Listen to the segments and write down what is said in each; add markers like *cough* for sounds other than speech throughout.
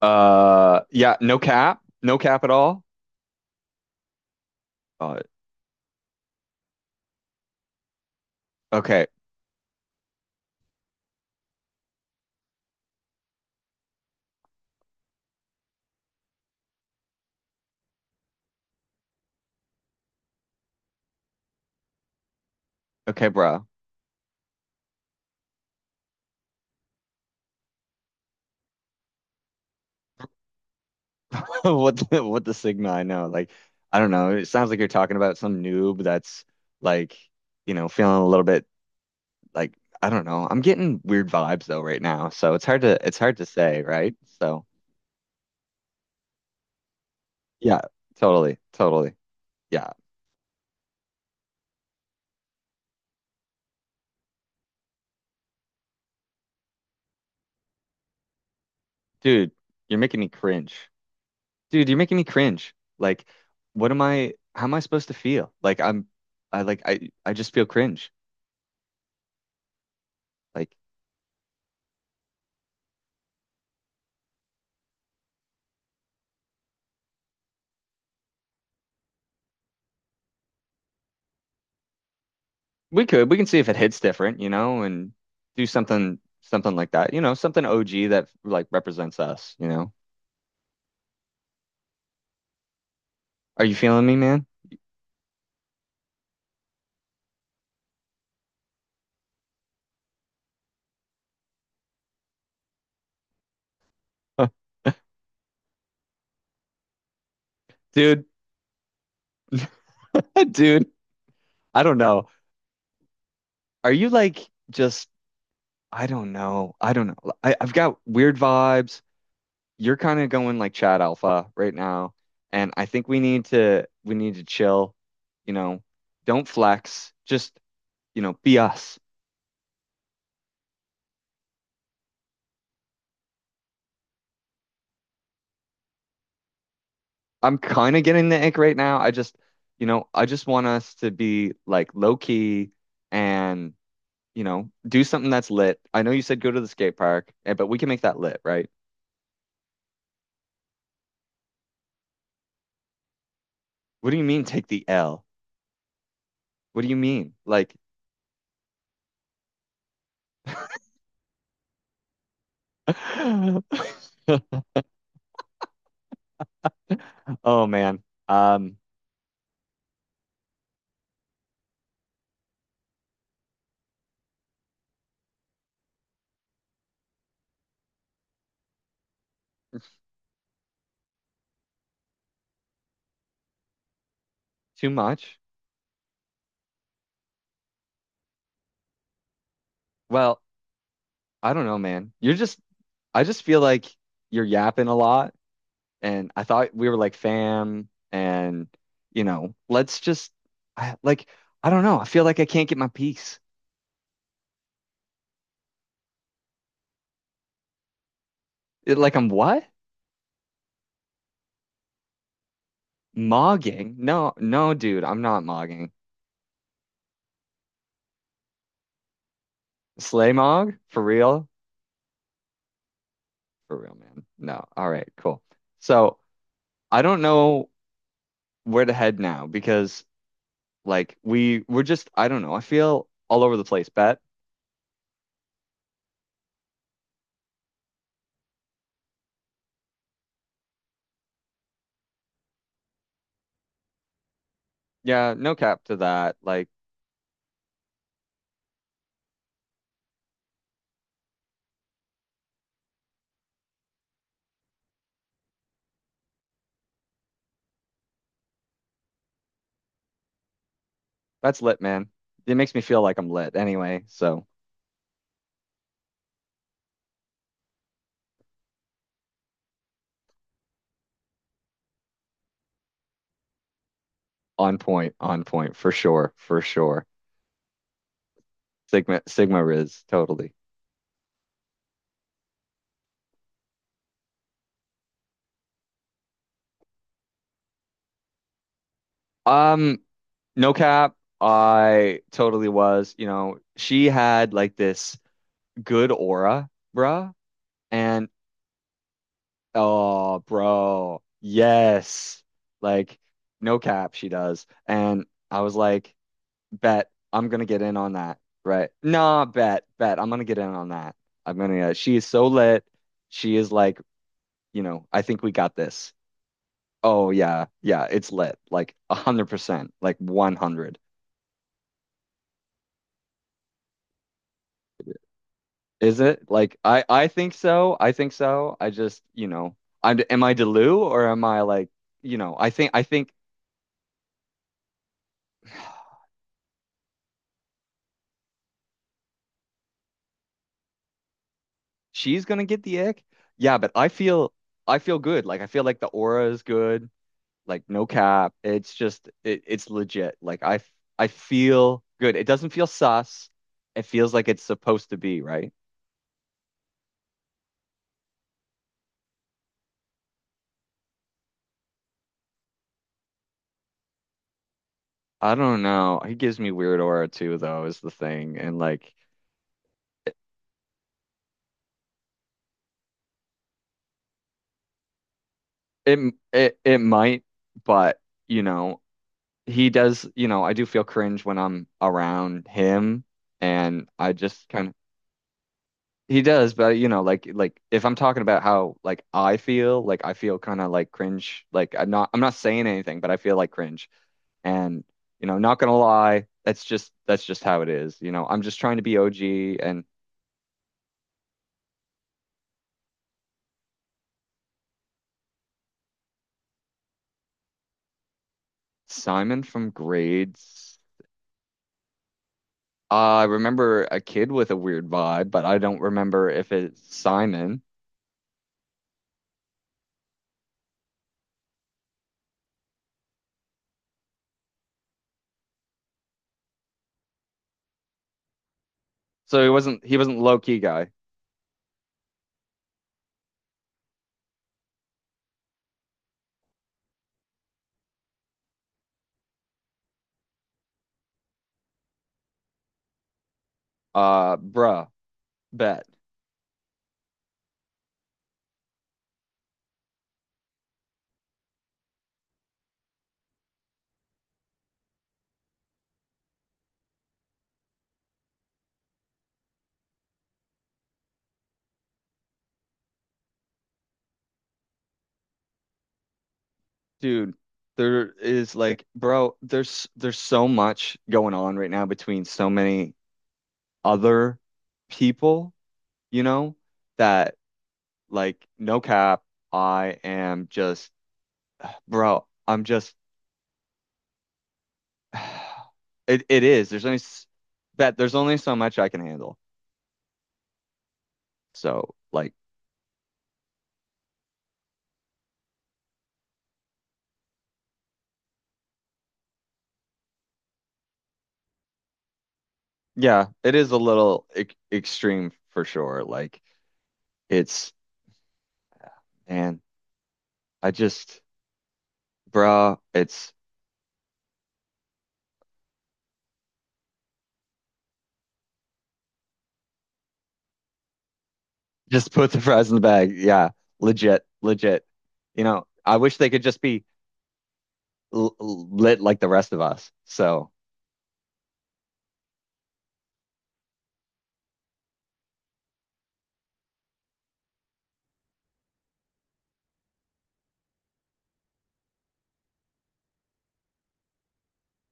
Yeah, no cap, no cap at all. Uh, okay, okay, bro. *laughs* What the Sigma? I know, like, I don't know. It sounds like you're talking about some noob that's like, you know, feeling a little bit like I don't know. I'm getting weird vibes though right now, so it's hard to say, right? So yeah, totally, totally. Yeah, dude, you're making me cringe. Dude, you're making me cringe. Like, what am I? How am I supposed to feel? Like, I just feel cringe. Like. We could. We can see if it hits different, you know, and do something like that. You know, something OG that like represents us, you know. Are you feeling me, man? *laughs* Dude, *laughs* dude, I don't know. Are you like just I don't know. I don't know. I've got weird vibes. You're kind of going like Chad Alpha right now, and I think we need to chill, you know. Don't flex. Just, you know, be us. I'm kind of getting the ick right now. I just, you know, I just want us to be like low key and, you know, do something that's lit. I know you said go to the skate park, eh, but we can make that lit, right? What do you mean take the L? What do you mean? Like, *laughs* oh man, um, too much. Well, I don't know, man. You're just, I just feel like you're yapping a lot and I thought we were like fam and you know, let's just I, like I don't know. I feel like I can't get my peace. It, like I'm what? Mogging? No, no, dude, I'm not mogging. Slay mog? For real? For real, man. No. All right, cool. So I don't know where to head now because like we're just I don't know. I feel all over the place. Bet. Yeah, no cap to that. Like that's lit, man. It makes me feel like I'm lit anyway. So on point, on point, for sure, for sure. Sigma Riz, totally. Um, no cap, I totally was. You know, she had like this good aura, bruh. And oh, bro, yes. Like, no cap, she does. And I was like, bet I'm gonna get in on that, right? Nah, bet, bet I'm gonna get in on that. I'm gonna, she is so lit. She is like, you know, I think we got this. Oh yeah, yeah, it's lit. Like 100%. Like 100. Is it? Like I think so. I think so. I just, you know, I'm am I Delu or am I like, you know, I think *sighs* she's gonna get the ick. Yeah, but I feel good. Like I feel like the aura is good. Like no cap. It's legit. Like I f- I feel good. It doesn't feel sus. It feels like it's supposed to be, right? I don't know. He gives me weird aura too, though, is the thing. And like It it might, but you know, he does, you know, I do feel cringe when I'm around him and I just kind of he does, but you know, like if I'm talking about how like I feel kind of like cringe, like I'm not saying anything, but I feel like cringe. And you know, not gonna lie, that's just how it is. You know, I'm just trying to be OG and Simon from grades. I remember a kid with a weird vibe, but I don't remember if it's Simon. So he wasn't low key guy. Bruh, bet, dude. There is like, bro, there's so much going on right now between so many other people, you know, that like no cap, I am just, bro, I'm just *sighs* it is. There's only s- that there's only so much I can handle. So like, yeah, it is a little e extreme for sure. Like it's man, I just. Bro, it's just put the fries in the bag. Yeah, legit, legit. You know, I wish they could just be lit like the rest of us. So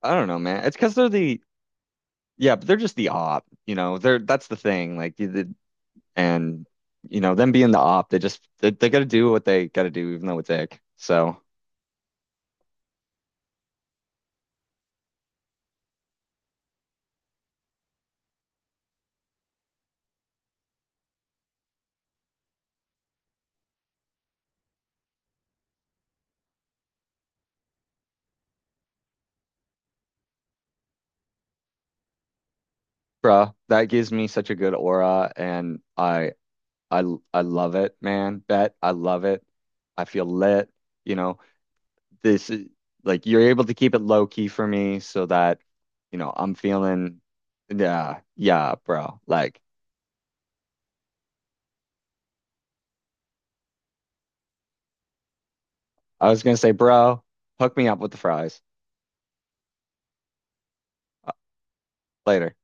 I don't know, man. It's because they're the yeah, but they're just the op. You know, they're that's the thing. Like you did, and you know them being the op, they just they got to do what they got to do, even though it's ick. So, bro, that gives me such a good aura, and I I love it, man. Bet I love it. I feel lit. You know. This is like you're able to keep it low key for me so that you know I'm feeling yeah yeah bro like I was gonna say bro hook me up with the fries later